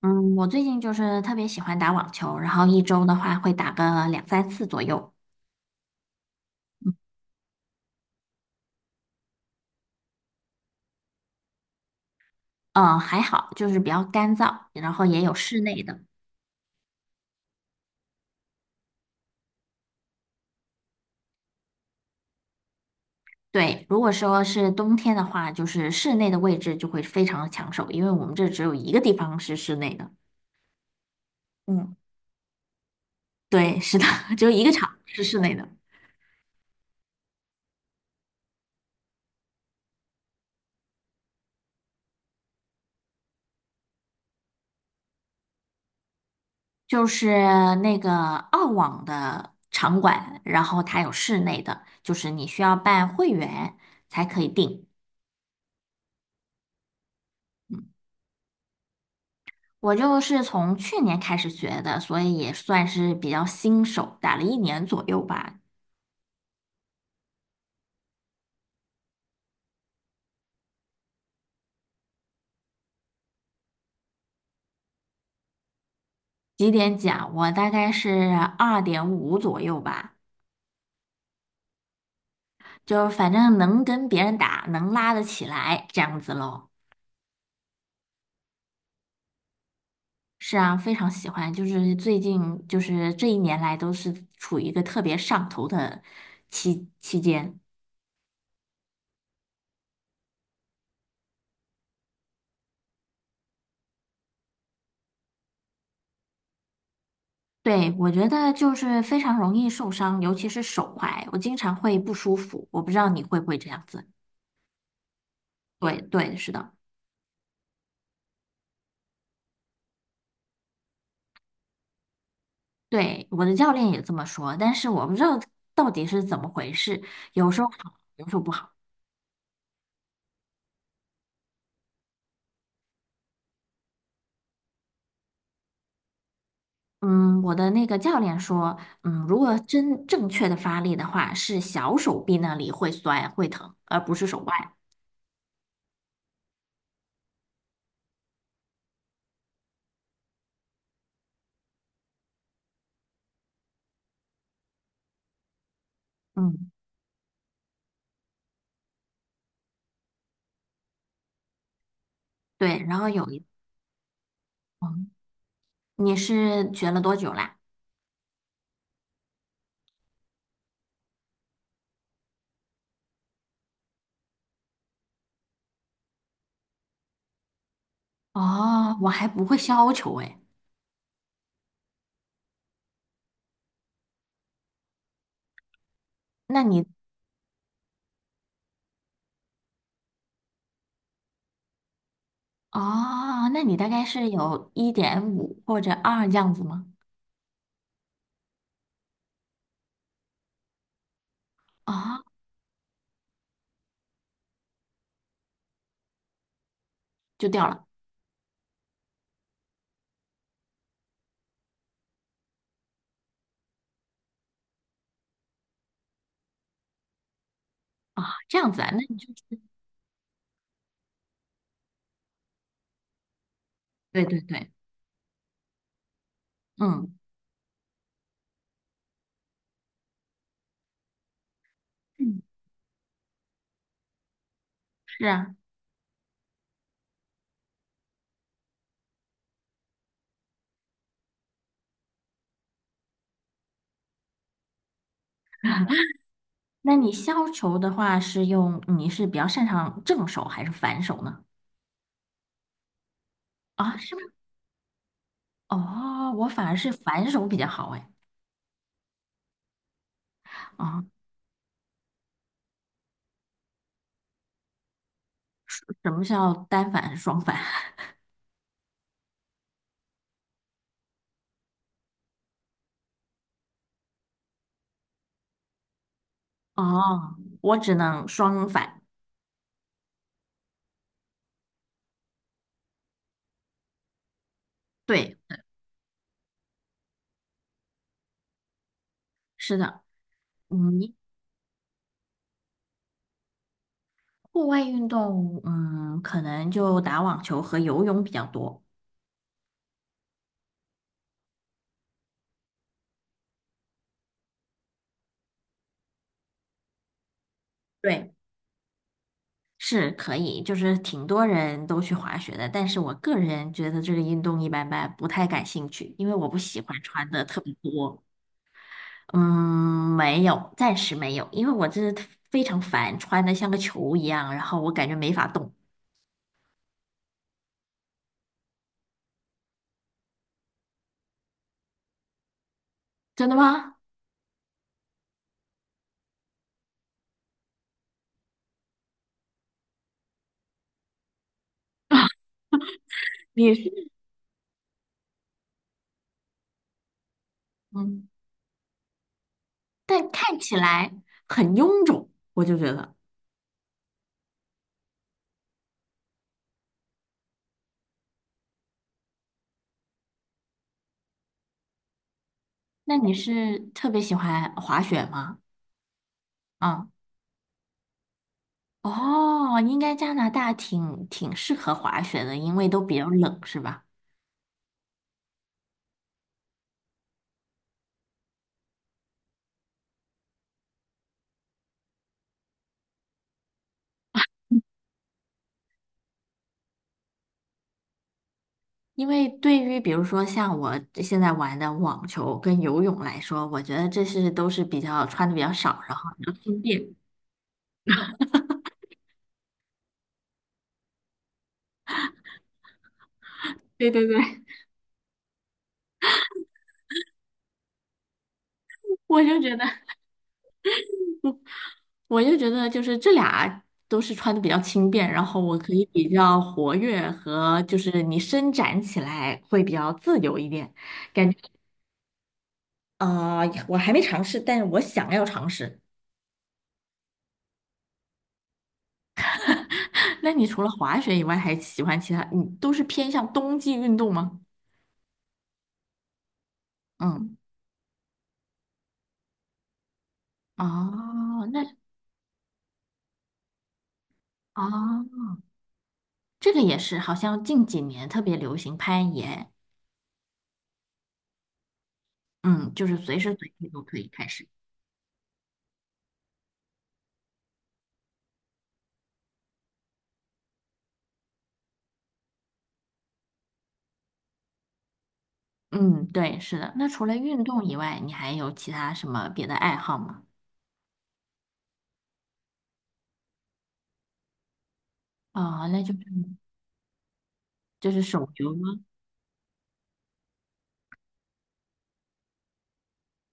嗯，我最近就是特别喜欢打网球，然后一周的话会打个两三次左右。嗯，还好，就是比较干燥，然后也有室内的。对，如果说是冬天的话，就是室内的位置就会非常的抢手，因为我们这只有一个地方是室内的。嗯，对，是的，只有一个场是室内的，就是那个澳网的场馆，然后它有室内的，就是你需要办会员才可以订。嗯，我就是从去年开始学的，所以也算是比较新手，打了一年左右吧。几点讲？我大概是2.5左右吧，就是反正能跟别人打，能拉得起来这样子咯。是啊，非常喜欢，就是最近就是这一年来都是处于一个特别上头的期间。对，我觉得就是非常容易受伤，尤其是手踝，我经常会不舒服。我不知道你会不会这样子。对对，是的。对，我的教练也这么说，但是我不知道到底是怎么回事，有时候好，有时候不好。嗯，我的那个教练说，嗯，如果真正确的发力的话，是小手臂那里会酸会疼，而不是手腕。嗯，对。然后有一，嗯，你是学了多久啦？哦，我还不会削球诶。那你，哦，那你大概是有1.5或者2这样子吗？啊、就掉了。啊、这样子啊？那你就是对对对，嗯。嗯，是啊，那你削球的话是用，你是比较擅长正手还是反手呢？啊，是吗？哦，我反而是反手比较好哎。啊，什什么叫单反、双反？哦，我只能双反。对，是的，嗯，户外运动，嗯，可能就打网球和游泳比较多。对，是可以，就是挺多人都去滑雪的，但是我个人觉得这个运动一般般，不太感兴趣，因为我不喜欢穿的特别多。嗯，没有，暂时没有，因为我这非常烦，穿的像个球一样，然后我感觉没法动。真的吗？你是嗯，但看起来很臃肿，我就觉得。那你是特别喜欢滑雪吗？嗯，哦，应该加拿大挺适合滑雪的，因为都比较冷，是吧？因为对于比如说像我现在玩的网球跟游泳来说，我觉得这是都是比较穿的比较少，然后轻便。对对对。我就觉得，我就觉得，就是这俩都是穿的比较轻便，然后我可以比较活跃和就是你伸展起来会比较自由一点，感觉呃，我还没尝试，但是我想要尝试。那你除了滑雪以外，还喜欢其他？你都是偏向冬季运动吗？嗯，哦，那哦，这个也是，好像近几年特别流行攀岩，嗯，就是随时随地都可以开始。嗯，对，是的。那除了运动以外，你还有其他什么别的爱好吗？啊、那就是就是手游吗？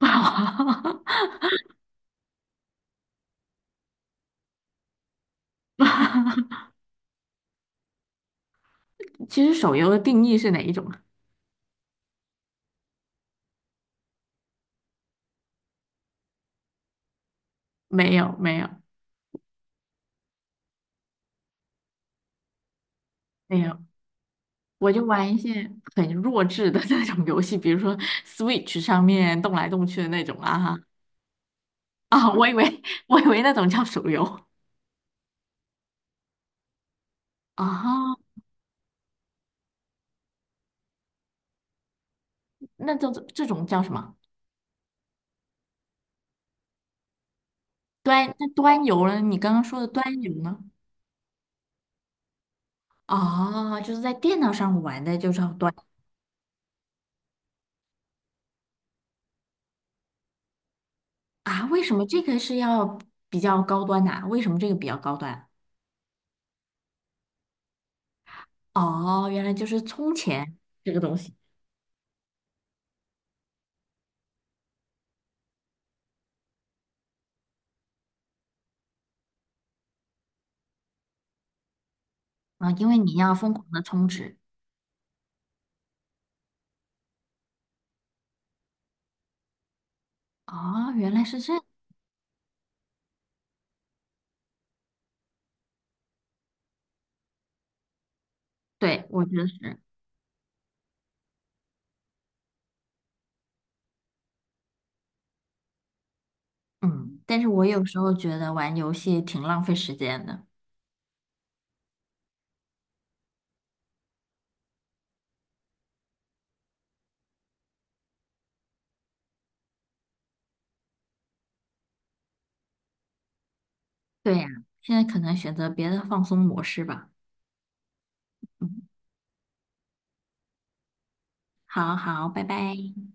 不好，其实手游的定义是哪一种啊？没有，没有，没有。我就玩一些很弱智的 那种游戏，比如说 Switch 上面动来动去的那种啊哈啊，我以为那种叫手游。啊，那这种这种叫什么？端游呢？你刚刚说的端游呢？啊，就是在电脑上玩的，就叫端。啊，为什么这个是要比较高端呐、为什么这个比较高端？哦，原来就是充钱这个东西啊，因为你要疯狂的充值。哦，原来是这样。对，我觉得是，嗯，但是我有时候觉得玩游戏挺浪费时间的。对呀、现在可能选择别的放松模式吧。嗯，好好，拜拜。